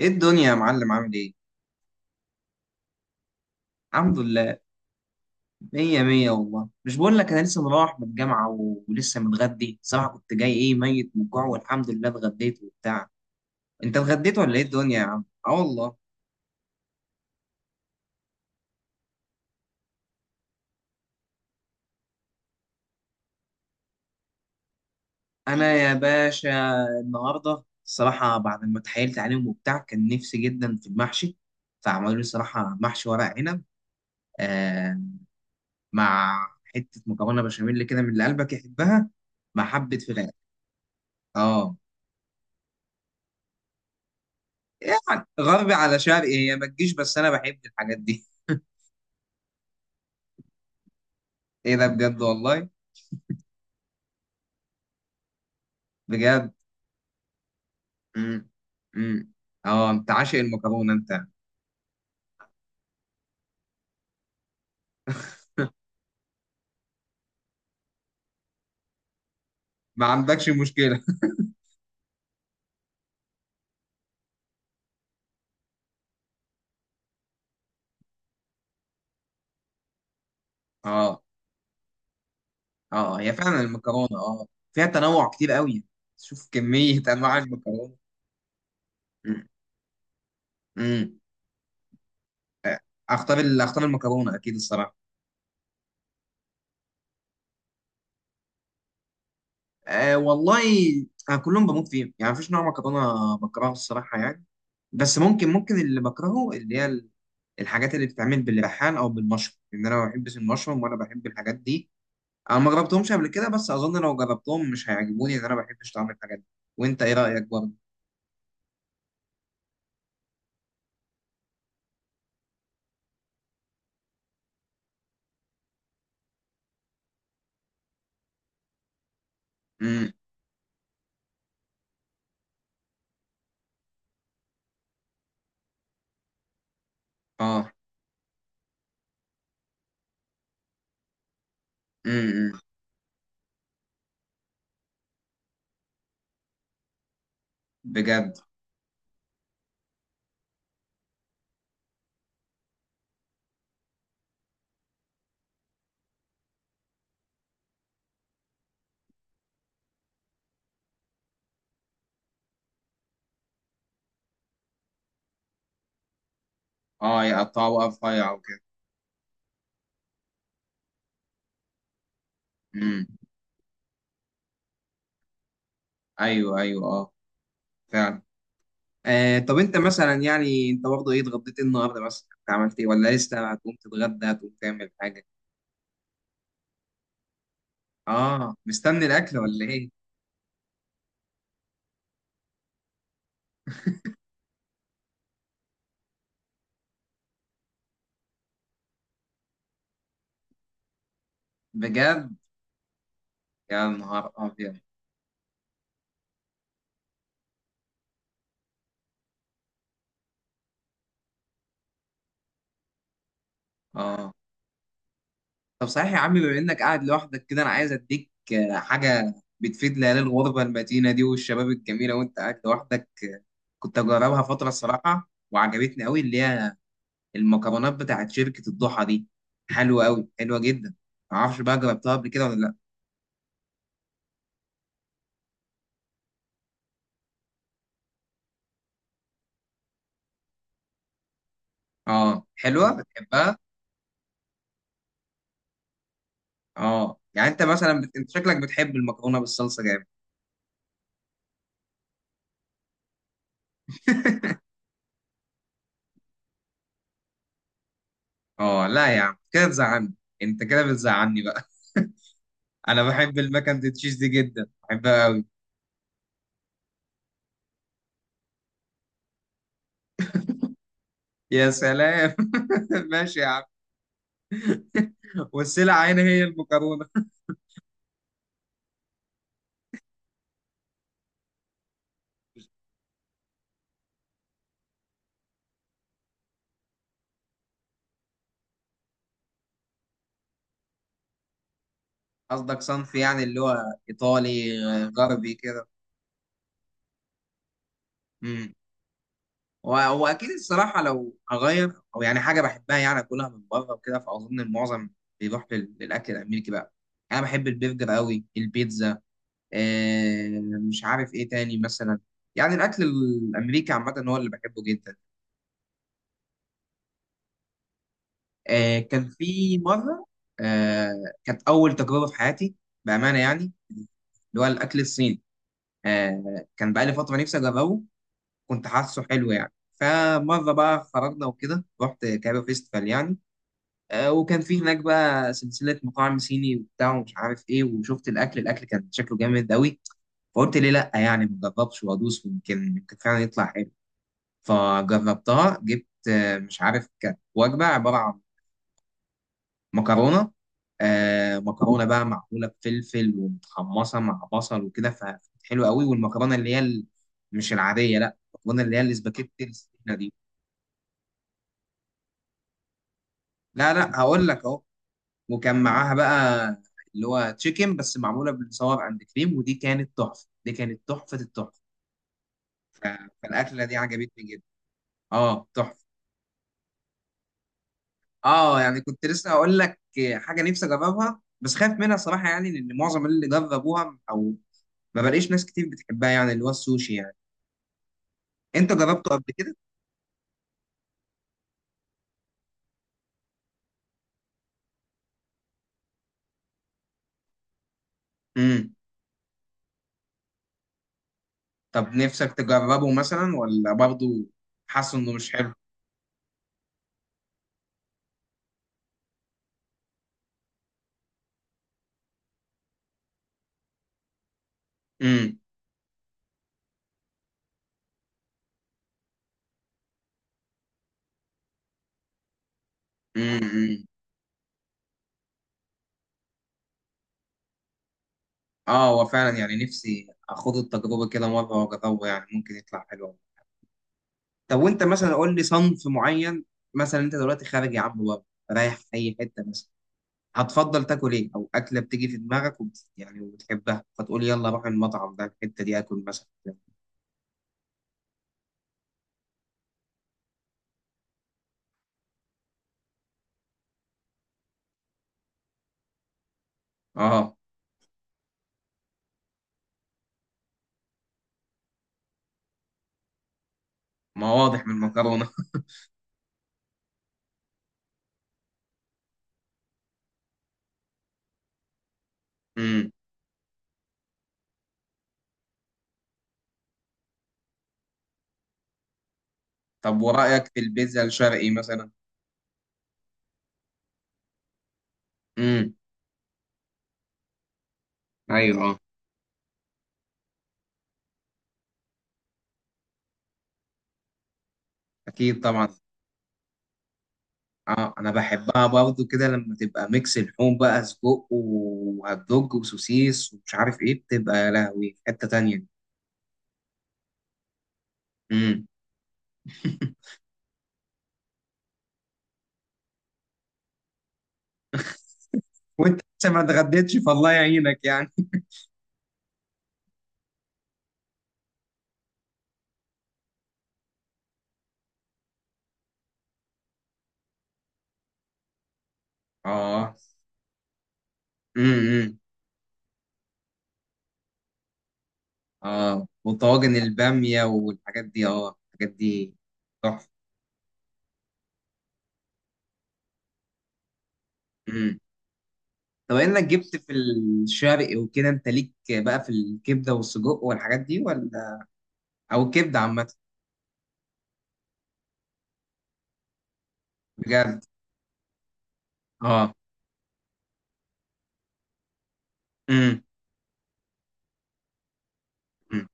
ايه الدنيا يا معلم عامل ايه؟ الحمد لله. مية مية والله، مش بقول لك انا لسه مروح من الجامعة ولسه متغدي. الصراحة كنت جاي ايه ميت من الجوع، والحمد لله اتغديت وبتاع. انت اتغديت ولا ايه الدنيا يا عم؟ اه والله. انا يا باشا النهاردة الصراحة بعد ما اتحايلت عليهم وبتاع كان نفسي جدا في المحشي، فعملوا لي الصراحة محشي ورق عنب. آه. مع حتة مكرونة بشاميل كده من اللي قلبك يحبها، مع حبة فراخ. اه. يعني غربي على شرقي هي ما تجيش، بس انا بحب الحاجات دي. ايه ده بجد والله. بجد. امم امم اه، انت عاشق المكرونه انت. ما عندكش مشكله. اه. اه هي فعلا المكرونه اه. فيها تنوع كتير قوي. شوف كميه انواع المكرونه. امم أمم. اختار المكرونه اكيد الصراحه. أه والله. انا كلهم بموت فيهم يعني، مفيش نوع مكرونه بكرهه الصراحه يعني. بس ممكن اللي بكرهه اللي هي الحاجات اللي بتتعمل بالريحان او بالمشروم، لان انا ما بحبش المشروم ولا بحب الحاجات دي. انا ما جربتهمش قبل كده، بس اظن لو جربتهم مش هيعجبوني لان انا ما بحبش طعم الحاجات دي. وانت ايه رايك برضه؟ امم اه. امم بجد. اه، يقطعوا بقى رفيع وكده. امم. ايوه ايوه اه، فعلا. طب انت مثلا يعني انت برضه ايه اتغديت إيه النهارده؟ مثلا انت عملت ايه، ولا لسه هتقوم تتغدى هتقوم تعمل حاجه؟ اه مستني الاكل ولا ايه؟ بجد. يا نهار ابيض. اه طب صحيح يا عم، بما انك قاعد لوحدك كده انا عايز اديك حاجه بتفيد ليالي الغربه المتينه دي والشباب الجميله وانت قاعد لوحدك. كنت اجربها فتره الصراحه وعجبتني قوي، اللي هي المكرونات بتاعت شركه الضحى دي. حلوه قوي، حلوه جدا. معرفش بقى جربتها قبل كده ولا لا. اه حلوه، بتحبها؟ اه يعني انت مثلا انت شكلك بتحب المكرونه بالصلصه جامد. اه لا يا عم كده بتزعلني. انت كده بتزعلني بقى. انا بحب الماك اند تشيز دي جدا، بحبها قوي. يا سلام. ماشي يا عم. والسلعه هنا هي المكرونه. قصدك صنف يعني اللي هو ايطالي. غربي كده. امم. و- واكيد الصراحه لو هغير او يعني حاجه بحبها يعني اكلها من بره وكده، فاظن المعظم بيروح للاكل الامريكي بقى. انا بحب البرجر قوي، البيتزا، آه، مش عارف ايه تاني مثلا. يعني الاكل الامريكي عامه هو اللي بحبه جدا. كان في مره. آه، كانت اول تجربه في حياتي بامانه يعني، اللي هو الاكل الصيني. كان بقالي فتره نفسي اجربه. كنت حاسه حلو يعني، فمره بقى خرجنا وكده، رحت كايرو فيستيفال يعني. وكان في هناك بقى سلسله مطاعم صيني وبتاع ومش عارف ايه، وشفت الاكل كان شكله جامد قوي. فقلت ليه لا يعني ما اجربش وادوس، ويمكن فعلا يطلع حلو. فجربتها، جبت مش عارف، كانت وجبة عبارة عن مكرونة. مكرونة بقى معمولة بفلفل ومتحمصة مع بصل وكده، فكانت حلوة قوي، والمكرونة اللي هي مش العادية، لا المكرونة اللي هي الاسباجيتي السمينة دي. لا لا، هقول لك اهو. وكان معاها بقى اللي هو تشيكن بس معمولة بالصور عند كريم، ودي كانت تحفة، دي كانت تحفة التحفة. ف- فالأكلة دي عجبتني جدا. اه تحفة. اه يعني كنت لسه هقول لك، حاجه نفسي اجربها بس خايف منها صراحه يعني، لان معظم اللي جربوها او ما بلاقيش ناس كتير بتحبها يعني، اللي هو السوشي يعني. انت جربته قبل كده؟ امم. طب نفسك تجربه مثلا ولا برضه حاسس انه مش حلو؟ امم أمم. اه هو فعلا يعني نفسي اخد التجربه كده مره واجربه، يعني ممكن يطلع حلو. طب وانت مثلا قول لي صنف معين. مثلا انت دلوقتي خارج يا عم بره، رايح في اي حته مثلا، هتفضل تاكل ايه، او اكله بتيجي في دماغك يعني وبتحبها فتقول يلا اروح المطعم ده الحته دي اكل مثلا. اه ما واضح من المكرونه. امم. طب ورايك في البيتزا الشرقي مثلا؟ امم. ايوه اكيد طبعا. اه انا بحبها برضو كده لما تبقى ميكس لحوم بقى، سجق وهوت دوج وسوسيس ومش عارف ايه، بتبقى يا لهوي في حته تانيه. امم. وانت لسه ما اتغديتش، فالله يعينك يعني. اه. امم. اه وطواجن البامية والحاجات دي، اه الحاجات دي تحفة. مم. طب انك جبت في الشرق وكده، انت ليك بقى في الكبدة والسجق والحاجات دي، ولا او الكبدة عامة؟ بجد. اه. امم أمم.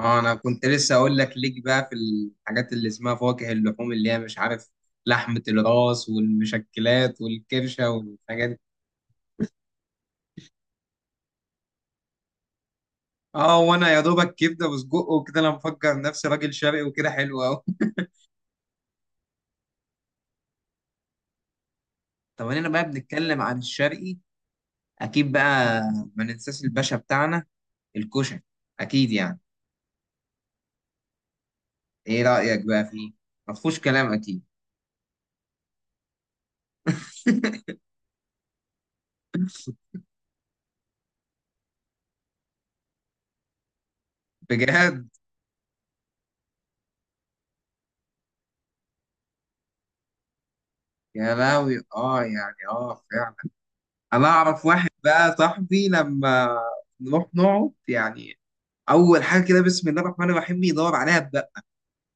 اه انا كنت لسه اقول لك، ليك بقى في الحاجات اللي اسمها فواكه اللحوم، اللي هي مش عارف، لحمة الراس والمشكلات والكرشة والحاجات دي. اه وانا يا دوبك كبدة وسجق وكده، انا مفكر نفسي راجل شرقي وكده حلو قوي. طب انا بقى بنتكلم عن الشرقي، اكيد بقى ما ننساش الباشا بتاعنا، الكشك، اكيد يعني. ايه رايك بقى فيه؟ ما فيهوش كلام اكيد. بجد. يا لهوي اه يعني اه فعلا. انا اعرف واحد بقى صاحبي لما نروح نقعد يعني، اول حاجه كده بسم الله الرحمن الرحيم يدور عليها بقى،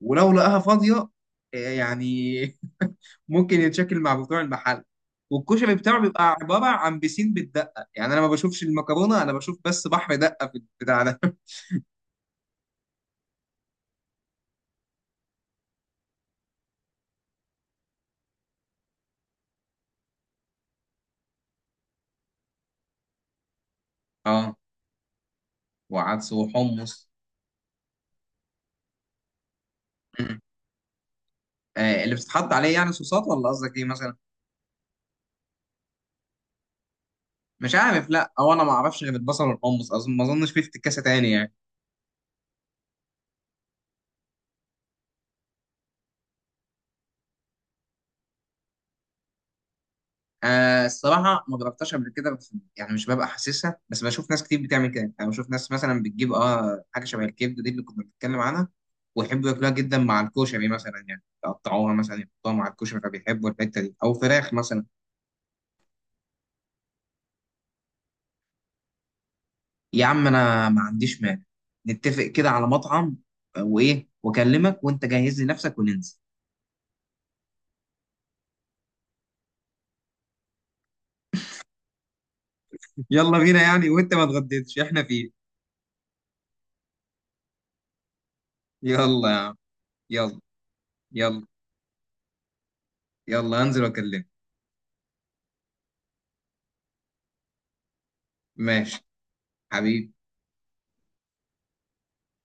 ولو لقاها فاضيه إيه يعني. ممكن يتشكل مع بتوع المحل، والكشري بتاعه بيبقى عباره عن بسين بالدقه، يعني انا ما بشوفش المكرونه، انا بشوف بس بحر دقه في البتاع ده. اه وعدس وحمص. مم. اللي بتتحط عليه يعني صوصات، ولا قصدك ايه مثلا؟ مش عارف لا، او انا ما اعرفش غير البصل والحمص، اظن ما اظنش في افتكاسه تاني يعني. الصراحه ما جربتهاش قبل كده، بس يعني مش ببقى حاسسها، بس بشوف ناس كتير بتعمل كده يعني، بشوف ناس مثلا بتجيب اه حاجه شبه الكبده دي اللي كنا بنتكلم عنها، ويحبوا ياكلوها جدا مع الكشري مثلا، يعني يقطعوها مثلا يحطوها مع الكشري، فبيحبوا الحته دي او فراخ مثلا. يا عم انا ما عنديش مانع، نتفق كده على مطعم، وايه واكلمك وانت جهز لي نفسك وننزل. يلا بينا يعني، وانت ما اتغديتش احنا فين؟ يلا. يا عم، يلا. يلا. يلا هنزل واكلمك. ماشي. حبيبي.